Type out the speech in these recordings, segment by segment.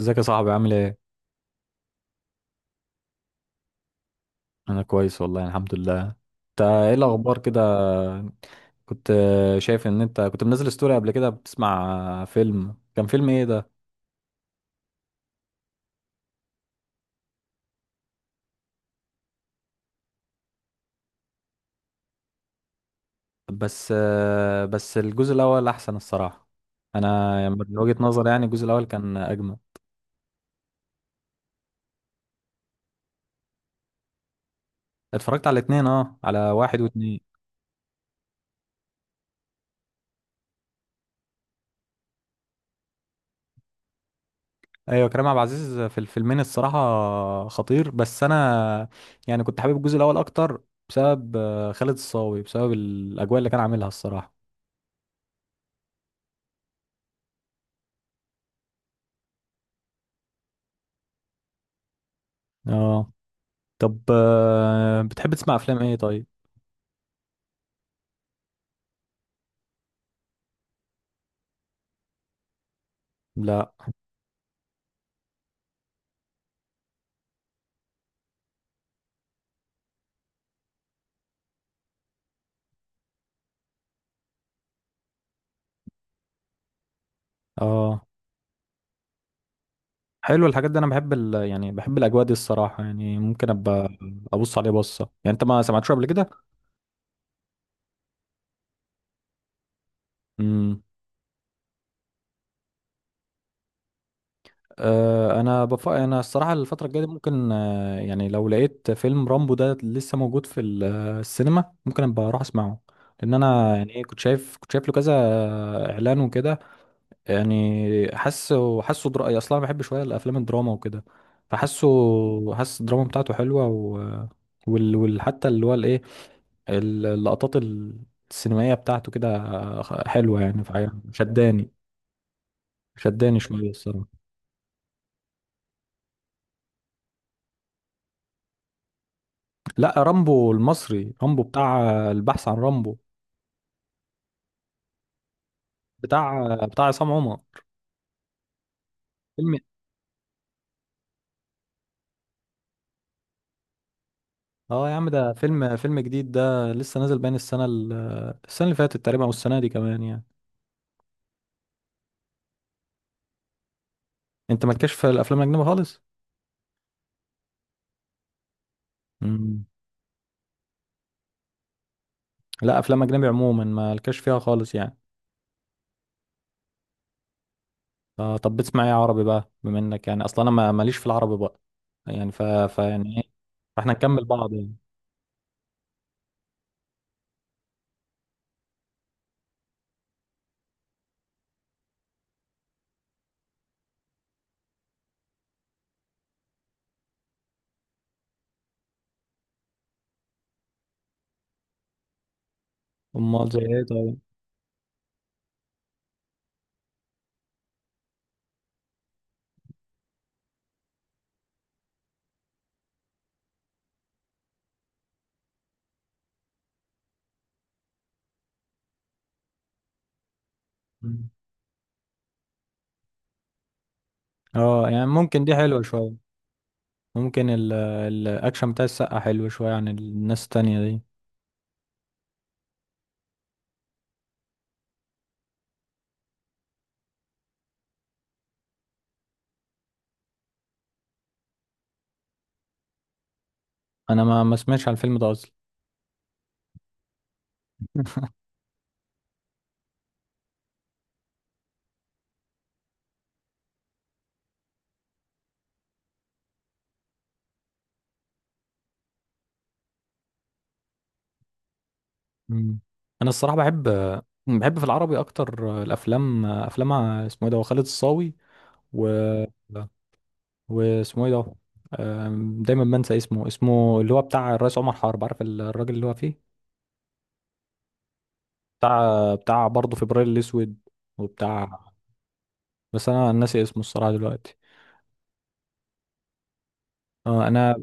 ازيك يا صاحبي عامل ايه؟ انا كويس والله الحمد لله. انت ايه الاخبار كده؟ كنت شايف ان انت كنت منزل ستوري قبل كده بتسمع فيلم، كان فيلم ايه ده؟ بس بس الجزء الاول احسن الصراحة. انا يعني من وجهة نظري يعني الجزء الاول كان اجمل. اتفرجت على الاتنين، اه، على واحد واتنين. ايوه كريم عبد العزيز في الفيلمين الصراحة خطير، بس انا يعني كنت حابب الجزء الاول اكتر بسبب خالد الصاوي، بسبب الاجواء اللي كان عاملها الصراحة. اه طب، بتحب تسمع افلام ايه طيب؟ لا. اه، حلو الحاجات دي، انا بحب يعني بحب الاجواء دي الصراحه، يعني ممكن ابقى ابص عليه بصه، يعني انت ما سمعتش قبل كده؟ امم انا انا الصراحه الفتره الجايه دي ممكن يعني لو لقيت فيلم رامبو ده لسه موجود في السينما، ممكن ابقى اروح اسمعه، لان انا يعني ايه كنت شايف له كذا اعلان وكده، يعني حاسه أصلا أنا بحب شوية الأفلام الدراما وكده، فحاسه حاسس الدراما بتاعته حلوة حتى اللي هو الإيه، اللقطات السينمائية بتاعته كده حلوة، يعني فعلا شداني، شداني شوية الصراحة. لا، رامبو المصري، رامبو بتاع البحث عن رامبو، بتاع عصام عمر. فيلم. اه يا عم، ده فيلم جديد، ده لسه نازل بين السنة السنة اللي فاتت تقريبا او السنة دي كمان يعني. انت مالكش في الافلام الاجنبية خالص؟ لا افلام اجنبي عموما ما لكش فيها خالص يعني. طب بتسمع ايه عربي بقى بما انك يعني اصلا انا ماليش في العربي بقى. يعني فيعني ايه؟ فاحنا نكمل بعض يعني. امال زي ايه طيب؟ مم. اه يعني ممكن دي حلوه شويه. ممكن الاكشن بتاع السقا حلو شويه عن الناس التانية دي. انا ما سمعتش عن الفيلم ده اصلا. مم. انا الصراحه بحب، في العربي اكتر الافلام، اسمه ايه ده، هو خالد الصاوي و... واسمه ايه ده؟ دايما بنسى اسمه، اسمه اللي هو بتاع الرئيس عمر حرب، عارف الراجل اللي هو فيه، بتاع برضه فبراير الاسود وبتاع، بس انا ناسي اسمه الصراحه دلوقتي. اه انا.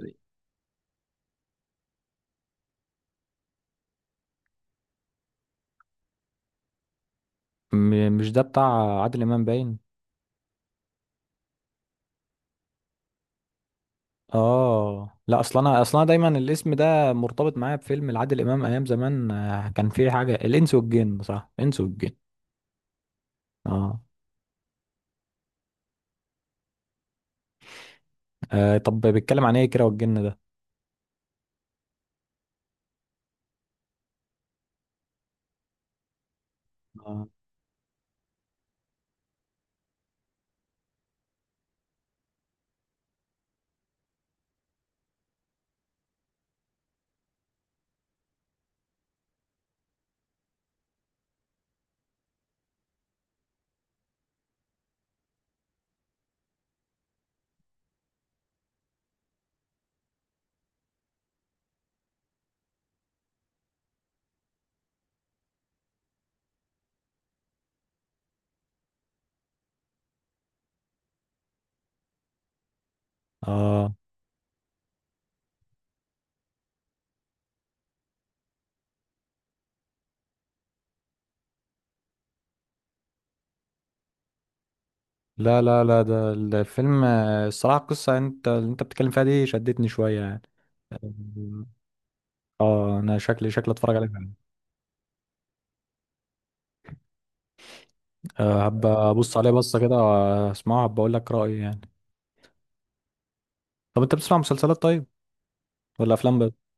مش ده بتاع عادل امام باين؟ اه لا، اصل انا دايما الاسم ده مرتبط معايا بفيلم لعادل امام ايام زمان، كان فيه حاجه الانس والجن، صح، الانس والجن. اه. طب بيتكلم عن ايه كده والجن ده؟ اه، اه. لا لا لا، ده الفيلم، الصراحة القصة اللي انت بتتكلم فيها دي شدتني شوية يعني. اه انا شكلي اتفرج عليه فعلا. هبقى ابص عليه بصة كده واسمعه، هبقى اقول لك رأيي يعني. طب انت بتسمع مسلسلات طيب ولا افلام بس؟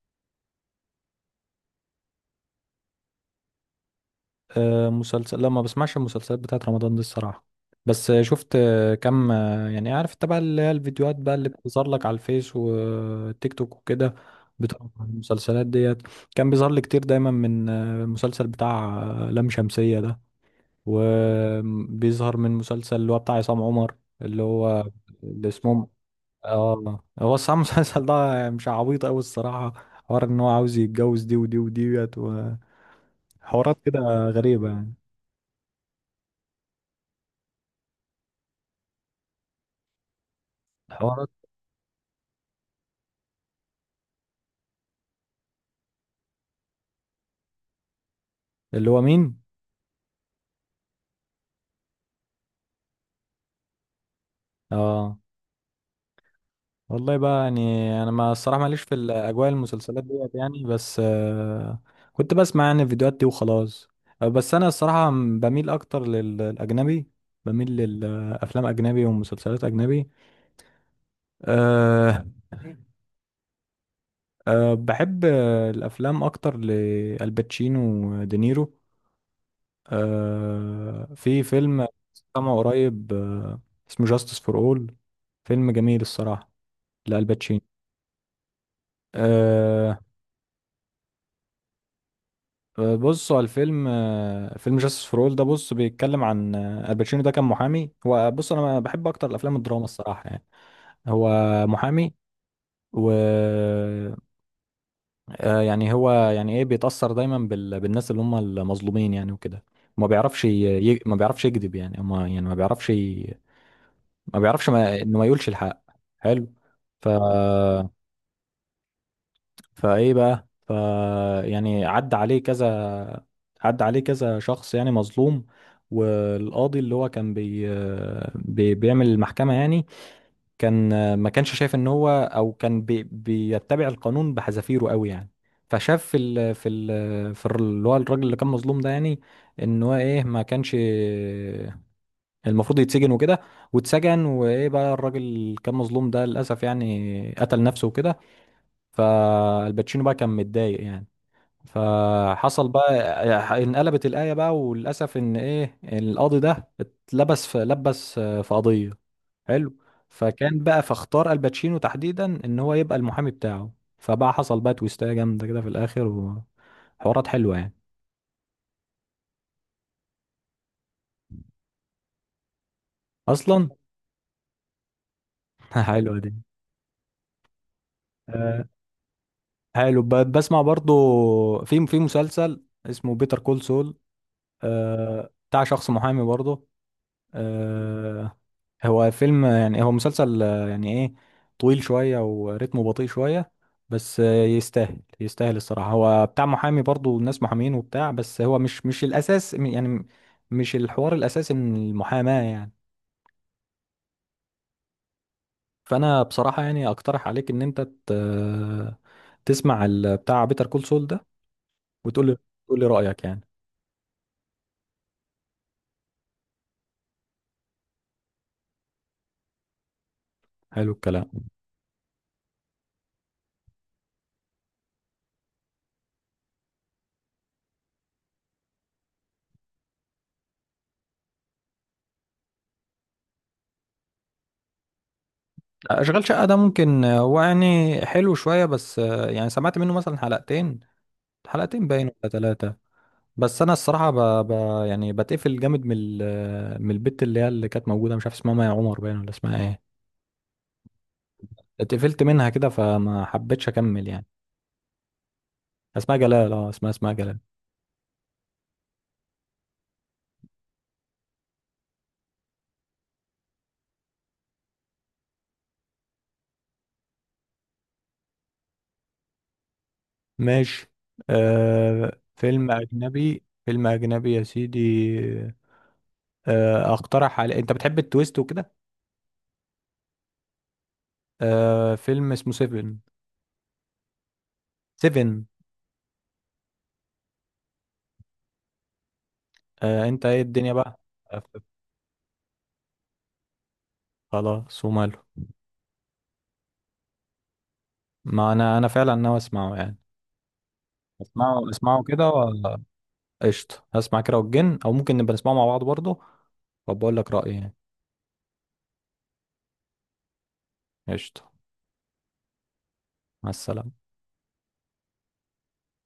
آه، مسلسل لا ما بسمعش المسلسلات بتاعت رمضان دي الصراحة. بس شفت كم يعني عارف تبع اللي هي الفيديوهات بقى اللي بتظهر لك على الفيس والتيك توك وكده بتاع المسلسلات ديت، كان بيظهر لي كتير دايما من المسلسل بتاع لام شمسية ده، وبيظهر من مسلسل اللي هو بتاع عصام عمر اللي هو اللي اسمه. اه هو الصراحة المسلسل ده مش عبيط أوي الصراحة، حوار إن هو عاوز يتجوز دي ودي وديت وحوارات كده غريبة يعني. حوارات. اللي هو مين؟ اه والله بقى يعني. انا ما الصراحه ماليش في الاجواء المسلسلات ديت يعني، بس كنت بسمع يعني الفيديوهات دي وخلاص. بس انا الصراحه بميل اكتر للاجنبي، بميل للافلام اجنبي ومسلسلات اجنبي. أه بحب الافلام اكتر لالباتشينو ودينيرو. في فيلم سمعه قريب، اسمه جاستس فور اول، فيلم جميل الصراحه، لالباتشينو. آه، بص هو الفيلم، فيلم جاستس فور اول ده، بص بيتكلم عن الباتشينو، ده كان محامي، هو بص انا بحب اكتر الافلام الدراما الصراحه يعني. هو محامي و يعني هو يعني ايه بيتاثر دايما بالناس اللي هم المظلومين يعني وكده، ما بيعرفش ما بيعرفش يكذب، يعني ما يعني ما بيعرفش ما بيعرفش ما... انه ما يقولش الحق. حلو. ف فايه بقى يعني عدى عليه كذا، عدى عليه كذا شخص يعني مظلوم. والقاضي اللي هو كان بيعمل المحكمة يعني، كان، ما كانش شايف ان هو او كان بيتبع القانون بحذافيره قوي يعني. فشاف اللي هو الراجل اللي كان مظلوم ده يعني، ان هو ايه، ما كانش المفروض يتسجن وكده، واتسجن، وايه بقى الراجل اللي كان مظلوم ده للاسف يعني قتل نفسه وكده، فالباتشينو بقى كان متضايق يعني. فحصل بقى، انقلبت الآية بقى، وللأسف إن إيه القاضي ده اتلبس في لبس في قضية. حلو. فكان بقى فاختار الباتشينو تحديدا إن هو يبقى المحامي بتاعه، فبقى حصل بقى تويستاية جامدة كده في الآخر وحوارات حلوة يعني. أصلا. حلوة دي. آه، حلو، بسمع برضو في مسلسل اسمه بيتر كول سول، بتاع شخص محامي برضو. آه، هو فيلم يعني هو مسلسل، يعني ايه، طويل شوية وريتمه بطيء شوية، بس يستاهل، الصراحة هو بتاع محامي برضو الناس محامين وبتاع، بس هو مش الأساس، يعني مش الحوار الأساسي من المحاماة يعني. فأنا بصراحة يعني أقترح عليك إن أنت تسمع بتاع بيتر كول سول ده، وتقول لي رأيك يعني. حلو الكلام. أشغال شقة ده ممكن، هو يعني حلو شوية، بس يعني سمعت منه مثلا حلقتين، حلقتين باين ولا 3. بس انا الصراحه يعني بتقفل جامد من من البت اللي هي اللي كانت موجوده، مش عارف اسمها مي عمر باين ولا اسمها ايه، اتقفلت منها كده فما حبيتش اكمل يعني. اسمها جلال، اه اسمها جلال. ماشي. فيلم اجنبي، يا سيدي. اقترح على، انت بتحب التويست وكده. فيلم اسمه سيفن. سيفن. انت ايه الدنيا بقى. آه، خلاص وماله. ما انا فعلا ناوي اسمعه يعني. اسمعه اسمعه كده، قشطة، هسمع كده والجن أو ممكن نبقى نسمعه مع بعض برضه وبقول لك رأيي يعني. قشطة. مع السلامة.